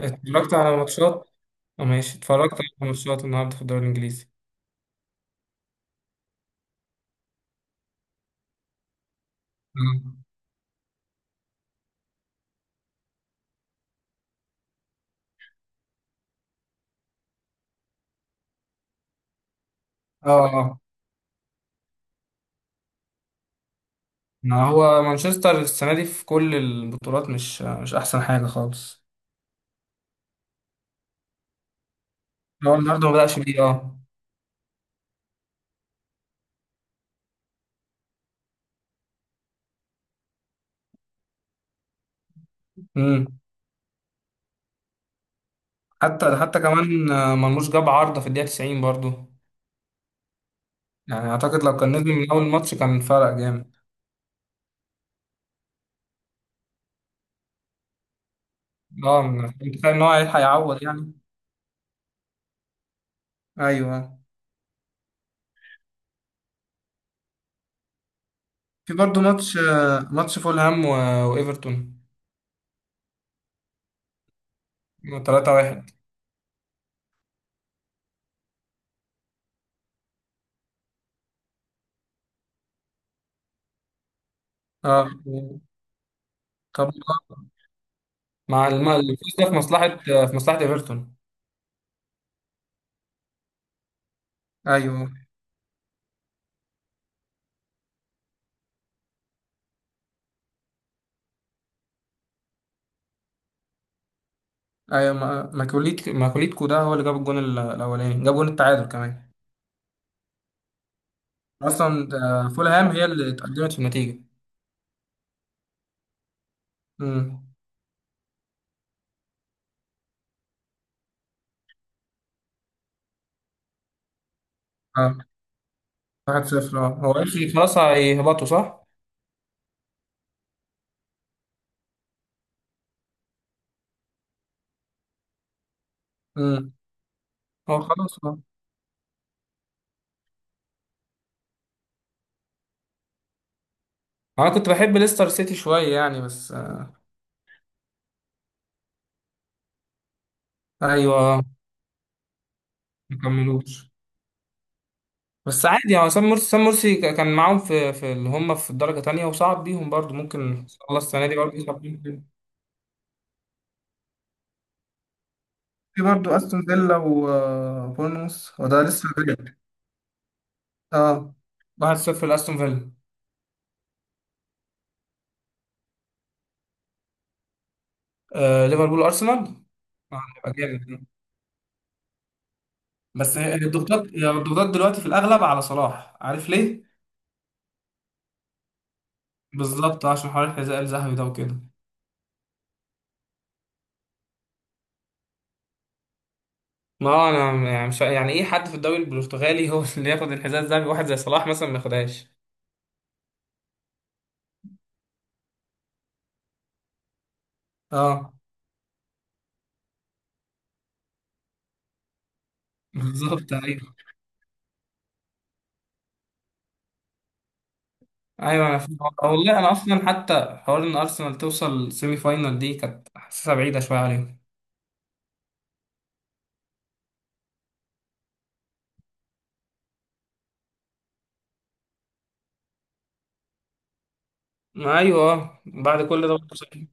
اتفرجت على ماتشات ماشي، اتفرجت على ماتشات النهارده في الدوري الانجليزي. مم. اه، اه. ما هو مانشستر السنه دي في كل البطولات مش احسن حاجه خالص. هو النهارده ما بدأش بيه، اه. امم. حتى كمان مرموش جاب عارضه في الدقيقه 90 برضو. يعني اعتقد لو كان نزل من اول ماتش كان فرق جامد. اه، متخيل ان هو هيلحق يعوض يعني. ايوه. في برضو ماتش، فولهام وايفرتون 3-1. اه، كابو. مع الفوز ده في مصلحة ايفرتون. ايوه، ايوه. ماكوليتكو ده هو اللي جاب الجون الاولاني، جاب جون التعادل كمان. اصلا، فولهام هي اللي اتقدمت في النتيجه. امم. اه، 1-0. اه، هو ماشي خلاص، هيهبطوا صح؟ امم. هو اه، خلاص، اه. انا كنت بحب ليستر سيتي شوية يعني، بس. ايوه. ما كملوش. بس عادي. هو سام مرسي كان معاهم في اللي هم في الدرجة تانية، وصعب بيهم برضو. ممكن ان شاء الله السنة دي برضو يصعب بيهم. في برضه استون فيلا وبورنموث، هو ده لسه بدري. اه، 1-0 لاستون فيلا. ليفربول ارسنال. هيبقى جامد. بس هي الضغوطات دلوقتي في الاغلب على صلاح، عارف ليه؟ بالظبط، عشان حوار الحذاء الذهبي ده وكده. ما هو انا يعني مش يعني ايه حد في الدوري البرتغالي هو اللي ياخد الحذاء الذهبي؟ واحد زي صلاح مثلا ما ياخدهاش. اه، بالظبط، ايوه. ايوه، انا فاهم. والله انا اصلا، حتى حوار ان ارسنال توصل سيمي فاينال دي كانت حاسسها بعيده شويه عليهم. ما ايوه، بعد كل ده برضه صحيح.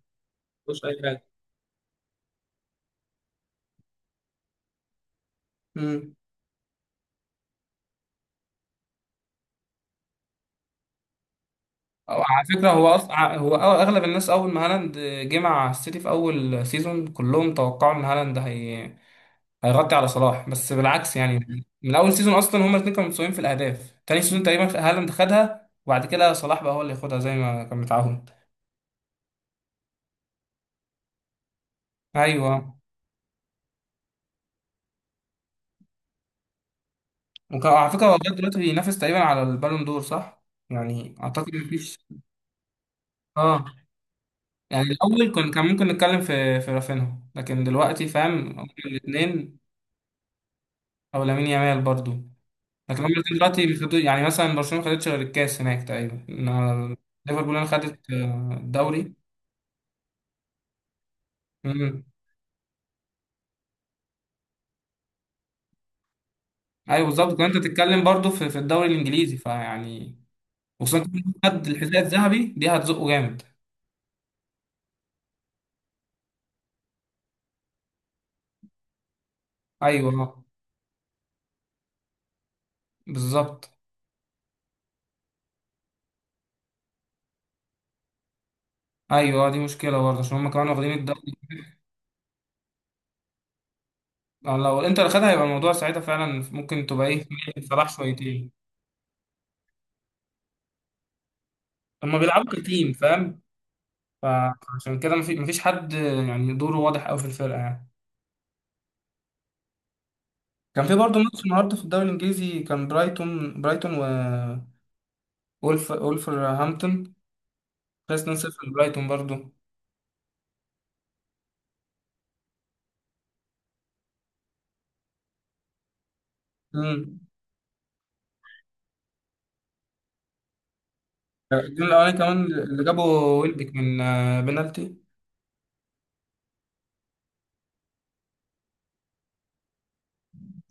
مفيش اي حاجه. امم أو على فكره هو أصلا اغلب الناس اول ما هالاند جه مع السيتي في اول سيزون كلهم توقعوا ان هالاند هي... هيغطي على صلاح. بس بالعكس يعني، من اول سيزون اصلا هما الاثنين كانوا متساويين في الاهداف، تاني سيزون تقريبا هالاند خدها، وبعد كده صلاح بقى هو اللي ياخدها زي ما كان متعاهد. ايوه. وكان على فكره هو لغايه دلوقتي بينافس تقريبا على البالون دور، صح؟ يعني اعتقد مفيش. اه، يعني الأول كان ممكن نتكلم في رافينها، لكن دلوقتي فاهم هما الاتنين. أو لامين يامال برضو. لكن هما الاتنين دلوقتي يعني مثلا برشلونة ما خدتش غير الكاس هناك تقريبا، إنما ليفربول أنا خدت الدوري. مم. أيوه، بالظبط. كنت بتتكلم برضو في الدوري الإنجليزي، فيعني وخصوصا كمان خد الحذاء الذهبي دي هتزقه جامد. أيوه، بالظبط. أيوه، دي مشكلة برضه، عشان هما كمان واخدين الدوري. لو الإنتر خدها يبقى الموضوع ساعتها فعلا ممكن تبقى إيه. صلاح شويتين. هما بيلعبوا كتيم، فاهم. فعشان كده مفيش حد. يعني دوره واضح قوي في الفرقه يعني. كان في برضه ماتش النهارده في الدوري الانجليزي، كان برايتون و ولفرهامبتون، خلص 2-0 لبرايتون برضه. امم. الجول الاولاني كمان اللي جابه ويلبك من بنالتي.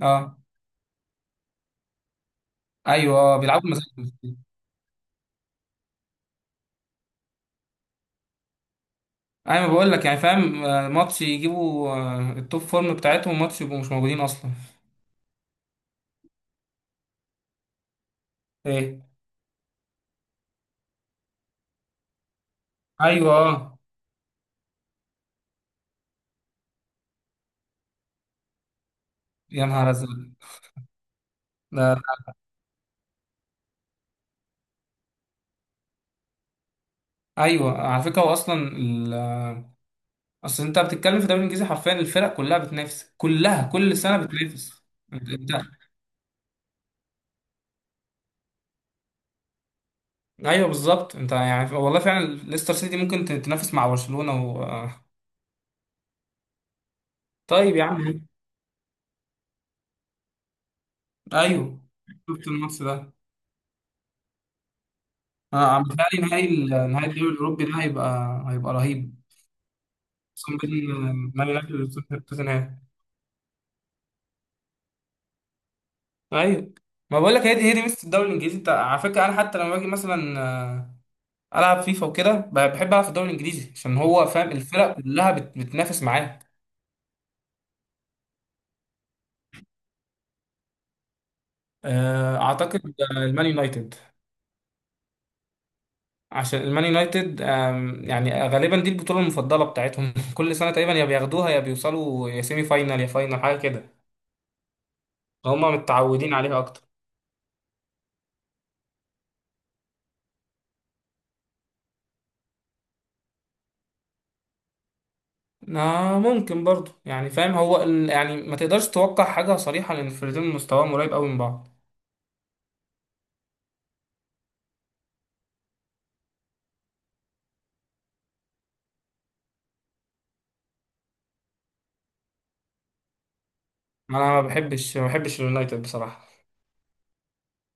اه، ايوه. اه، بيلعبوا مزاج. ايوه، بقول لك يعني فاهم، ماتش يجيبوا التوب فورم بتاعتهم، وماتش يبقوا مش موجودين اصلا. ايه؟ ايوه، اه. يا نهار ازرق. ده، ايوه، على فكره هو اصلا اصل انت بتتكلم في الدوري الانجليزي حرفيا الفرق كلها بتنافس، كلها كل سنه بتنافس. انت انت- ايوه، بالظبط. انت يعني والله فعلا، ليستر سيتي ممكن تنافس مع برشلونه و... آه. طيب يا عم. ايوه. شفت الماتش ده. انا متهيألي نهائي نهائي الدوري الاوروبي ده هيبقى رهيب، خصوصا بين مان يونايتد وتوتنهام. ايوه، ما بقول لك هي دي ميزه الدوري الانجليزي. انت على فكره انا حتى لما باجي مثلا العب فيفا وكده بحب العب في الدوري الانجليزي، عشان هو فاهم الفرق كلها بتنافس معاه. اعتقد المان يونايتد. عشان المان يونايتد يعني غالبا دي البطوله المفضله بتاعتهم كل سنه تقريبا، يا بياخدوها يا بيوصلوا، يا سيمي فاينال يا فاينال حاجه كده. هما متعودين عليها اكتر. ممكن برضو، يعني فاهم هو يعني ما تقدرش توقع حاجه صريحه، لان الفريقين مستواهم قريب قوي من بعض. انا ما بحبش اليونايتد بصراحه.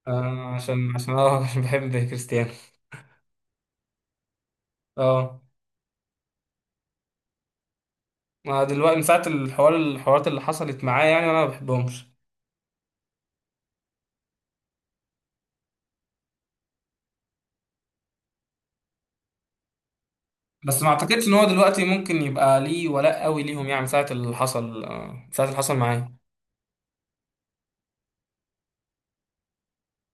آه عشان عشان اه عشان بحب كريستيانو. اه. ما دلوقتي من ساعة الحوارات اللي حصلت معاه، يعني أنا ما بحبهمش. بس ما أعتقدش إن هو دلوقتي ممكن يبقى ليه ولاء قوي ليهم، يعني من ساعة اللي حصل معاه.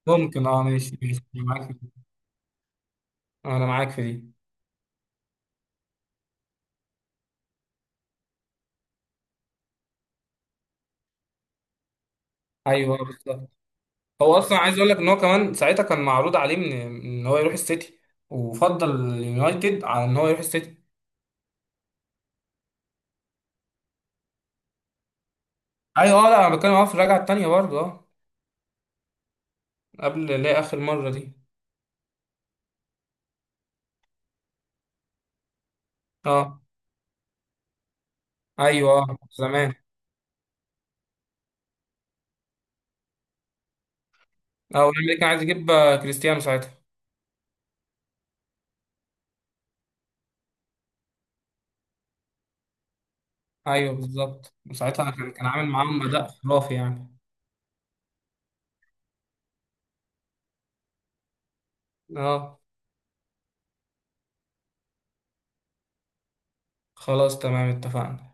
ممكن. ماشي، ماشي. أنا معاك في دي. أنا معاك في دي. أيوه، بالظبط. هو أصلا عايز أقول لك إن هو كمان ساعتها كان معروض عليه من إن هو يروح السيتي، وفضل اليونايتد على إن هو يروح السيتي. أيوه، أه. لا، أنا بتكلم في الرجعة التانية برضه. قبل اللي هي آخر مرة دي. أه، أيوه. زمان. أه، والأمريكان عايز يجيب كريستيانو ساعتها. ايوه، بالظبط. وساعتها كان عامل معاهم اداء خرافي يعني. اه، خلاص تمام، اتفقنا.